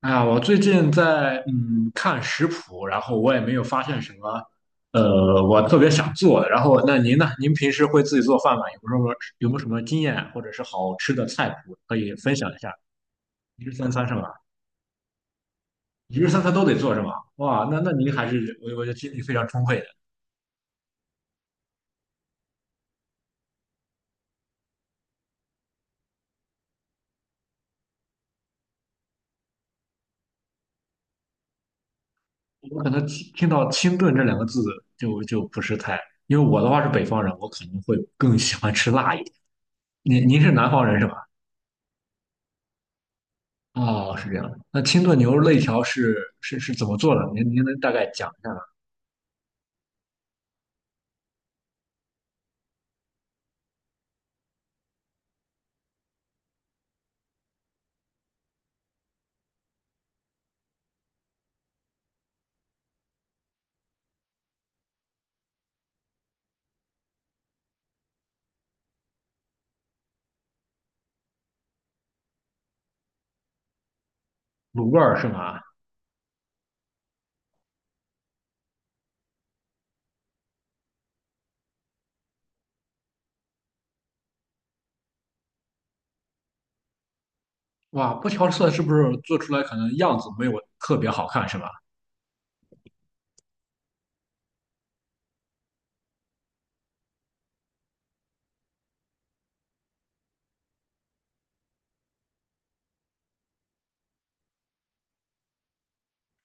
哎呀，我最近在看食谱，然后我也没有发现什么，我特别想做的。然后，那您呢？您平时会自己做饭吗？有没有什么经验或者是好吃的菜谱可以分享一下？一日三餐是吧？一日三餐都得做是吧？哇，那您还是我觉得精力非常充沛的。我可能听到清炖这两个字就不是太，因为我的话是北方人，我可能会更喜欢吃辣一点。您是南方人是吧？哦，是这样的。那清炖牛肉肋条是怎么做的？您能大概讲一下吗？卤味儿是吗？哇，不调色是不是做出来可能样子没有特别好看是吧？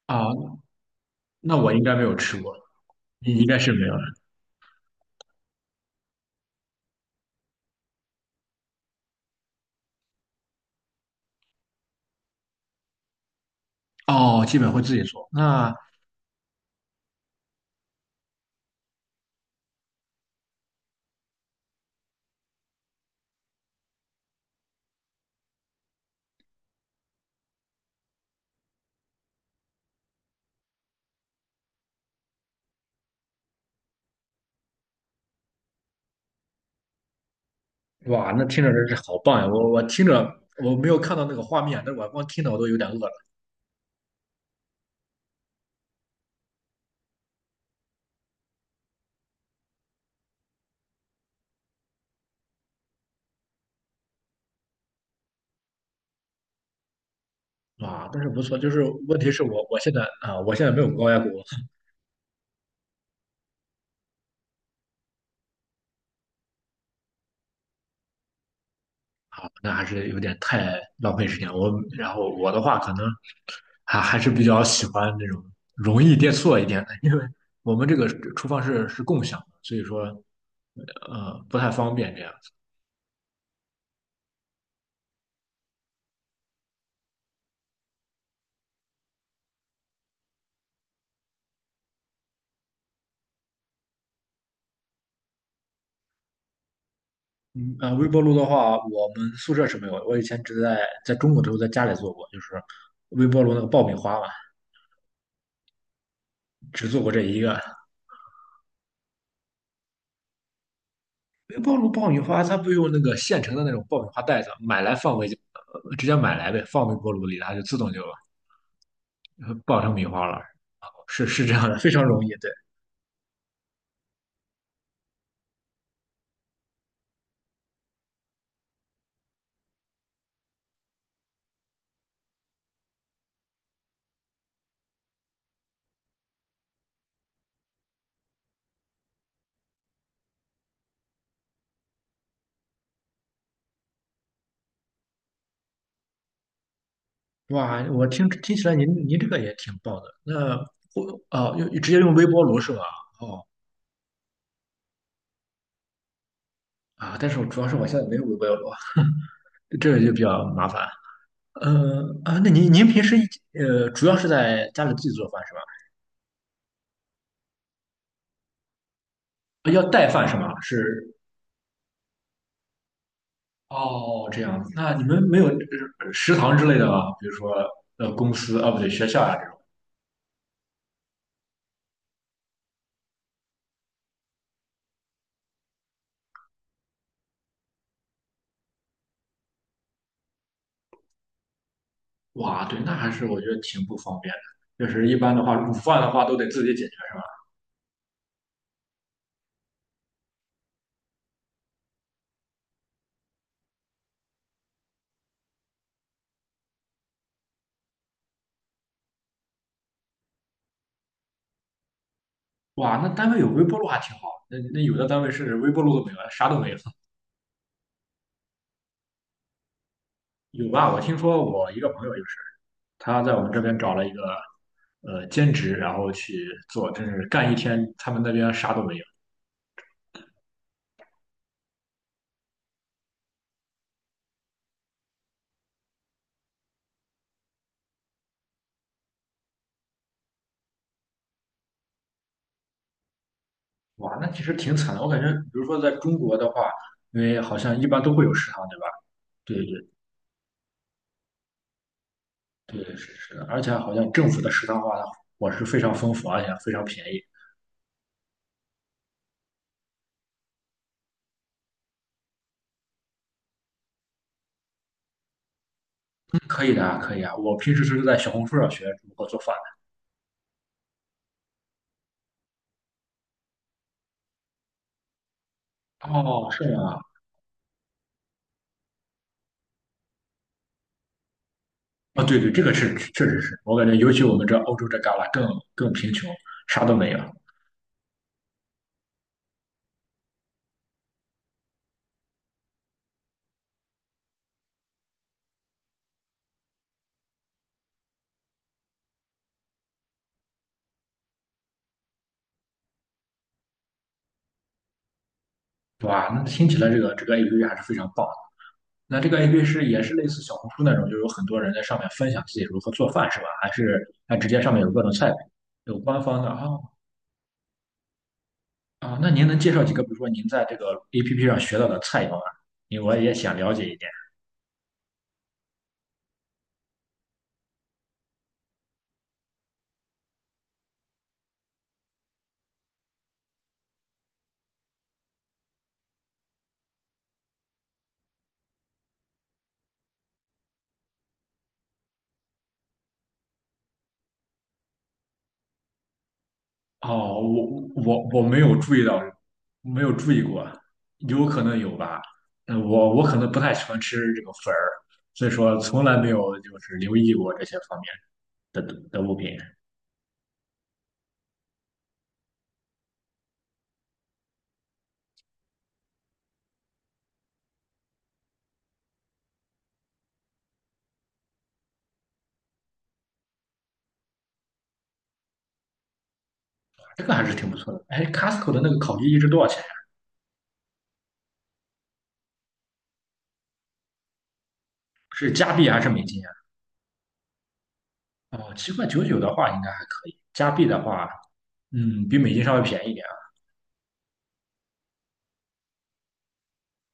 啊，那我应该没有吃过，你应该是没有的。哦，基本会自己做。那，哇，那听着真是好棒呀！我听着我没有看到那个画面，但是我光听着我都有点饿了。哇，但是不错，就是问题是我现在啊，我现在没有高压锅，那还是有点太浪费时间。我然后我的话可能还是比较喜欢那种容易电错一点的，因为我们这个厨房是共享的，所以说不太方便这样子。微波炉的话，我们宿舍是没有的，我以前只在中国的时候在家里做过，就是微波炉那个爆米花嘛，只做过这一个。微波炉爆米花它不用那个现成的那种爆米花袋子，买来直接买来呗，放微波炉里，它就自动就爆成米花了。是这样的，非常容易。对，哇，我听起来您这个也挺棒的。那我啊，用直接用微波炉是吧？哦啊，但是我主要是我现在没有微波炉，这个就比较麻烦。啊，那您平时主要是在家里自己做饭是吧？啊，要带饭是吗？是哦，这样子。那你们没有食堂之类的吗？比如说公司啊，不对，学校啊这种。哇，对，那还是我觉得挺不方便的。就是一般的话，午饭的话都得自己解决。是吧？哇，那单位有微波炉还挺好。那有的单位是微波炉都没有，啥都没有。有吧？我听说我一个朋友就是，他在我们这边找了一个兼职，然后去做，真是干一天，他们那边啥都没有。哇，那其实挺惨的。我感觉，比如说在中国的话，因为好像一般都会有食堂，对吧？对对对，是是的。而且好像政府的食堂的话，伙食非常丰富，而且非常便宜。嗯可以的啊，可以啊。我平时是在小红书上学如何做饭的。哦，是吗？啊，对对，这个是确实是，我感觉尤其我们这欧洲这旮旯更贫穷，啥都没有。对吧？那听起来这个 APP 还是非常棒的。那这个 APP 是也是类似小红书那种，就有很多人在上面分享自己如何做饭是吧？还是它直接上面有各种菜谱，有官方的啊。啊，那您能介绍几个，比如说您在这个 APP 上学到的菜肴吗？因为我也想了解一点。哦，我没有注意到，没有注意过，有可能有吧。嗯，我可能不太喜欢吃这个粉儿，所以说从来没有就是留意过这些方面的物品。这个还是挺不错的。哎，Costco 的那个烤鸡一只多少钱呀？是加币还是美金呀？哦，7.99块的话应该还可以，加币的话，比美金稍微便宜一点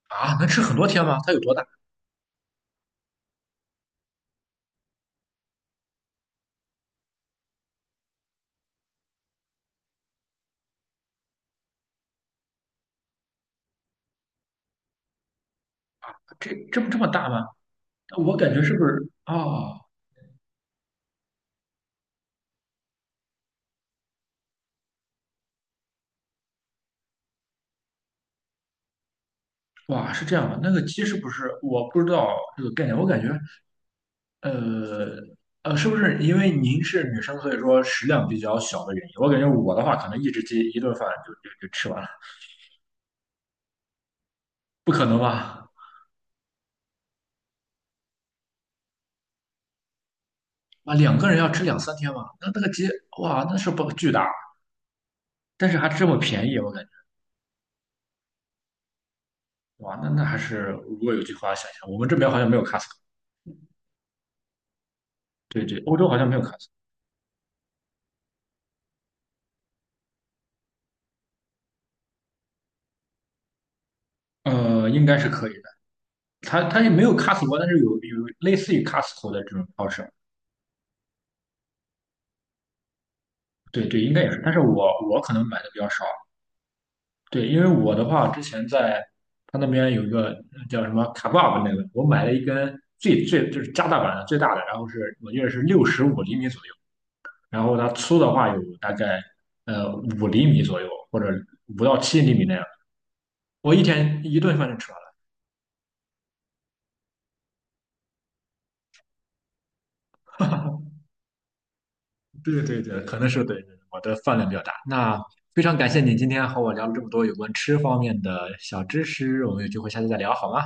啊。啊，能吃很多天吗？它有多大？这不这么大吗？我感觉是不是？啊？哇，是这样的，那个鸡是不是我不知道这个概念？我感觉，呃是不是因为您是女生，所以说食量比较小的原因？我感觉我的话，可能一只鸡一顿饭就吃完了，不可能吧？啊，两个人要吃两三天吧？那那个鸡，哇，那是不巨大，但是还这么便宜，我感觉，哇，那还是如果有句话想一想，我们这边好像没有 Costco，对对，欧洲好像没有 Costco，应该是可以的，它也没有 Costco，但是有类似于 Costco 的这种超市。对对，应该也是，但是我可能买的比较少。对，因为我的话，之前在他那边有一个叫什么卡 k e 那个，我买了一根最就是加大版的最大的，然后是我记得是65厘米左右，然后它粗的话有大概呃五厘米左右，或者5到7厘米那样。我一天一顿饭就吃完了。对对对，可能是对我的饭量比较大。那非常感谢你今天和我聊了这么多有关吃方面的小知识，我们有机会下次再聊好吗？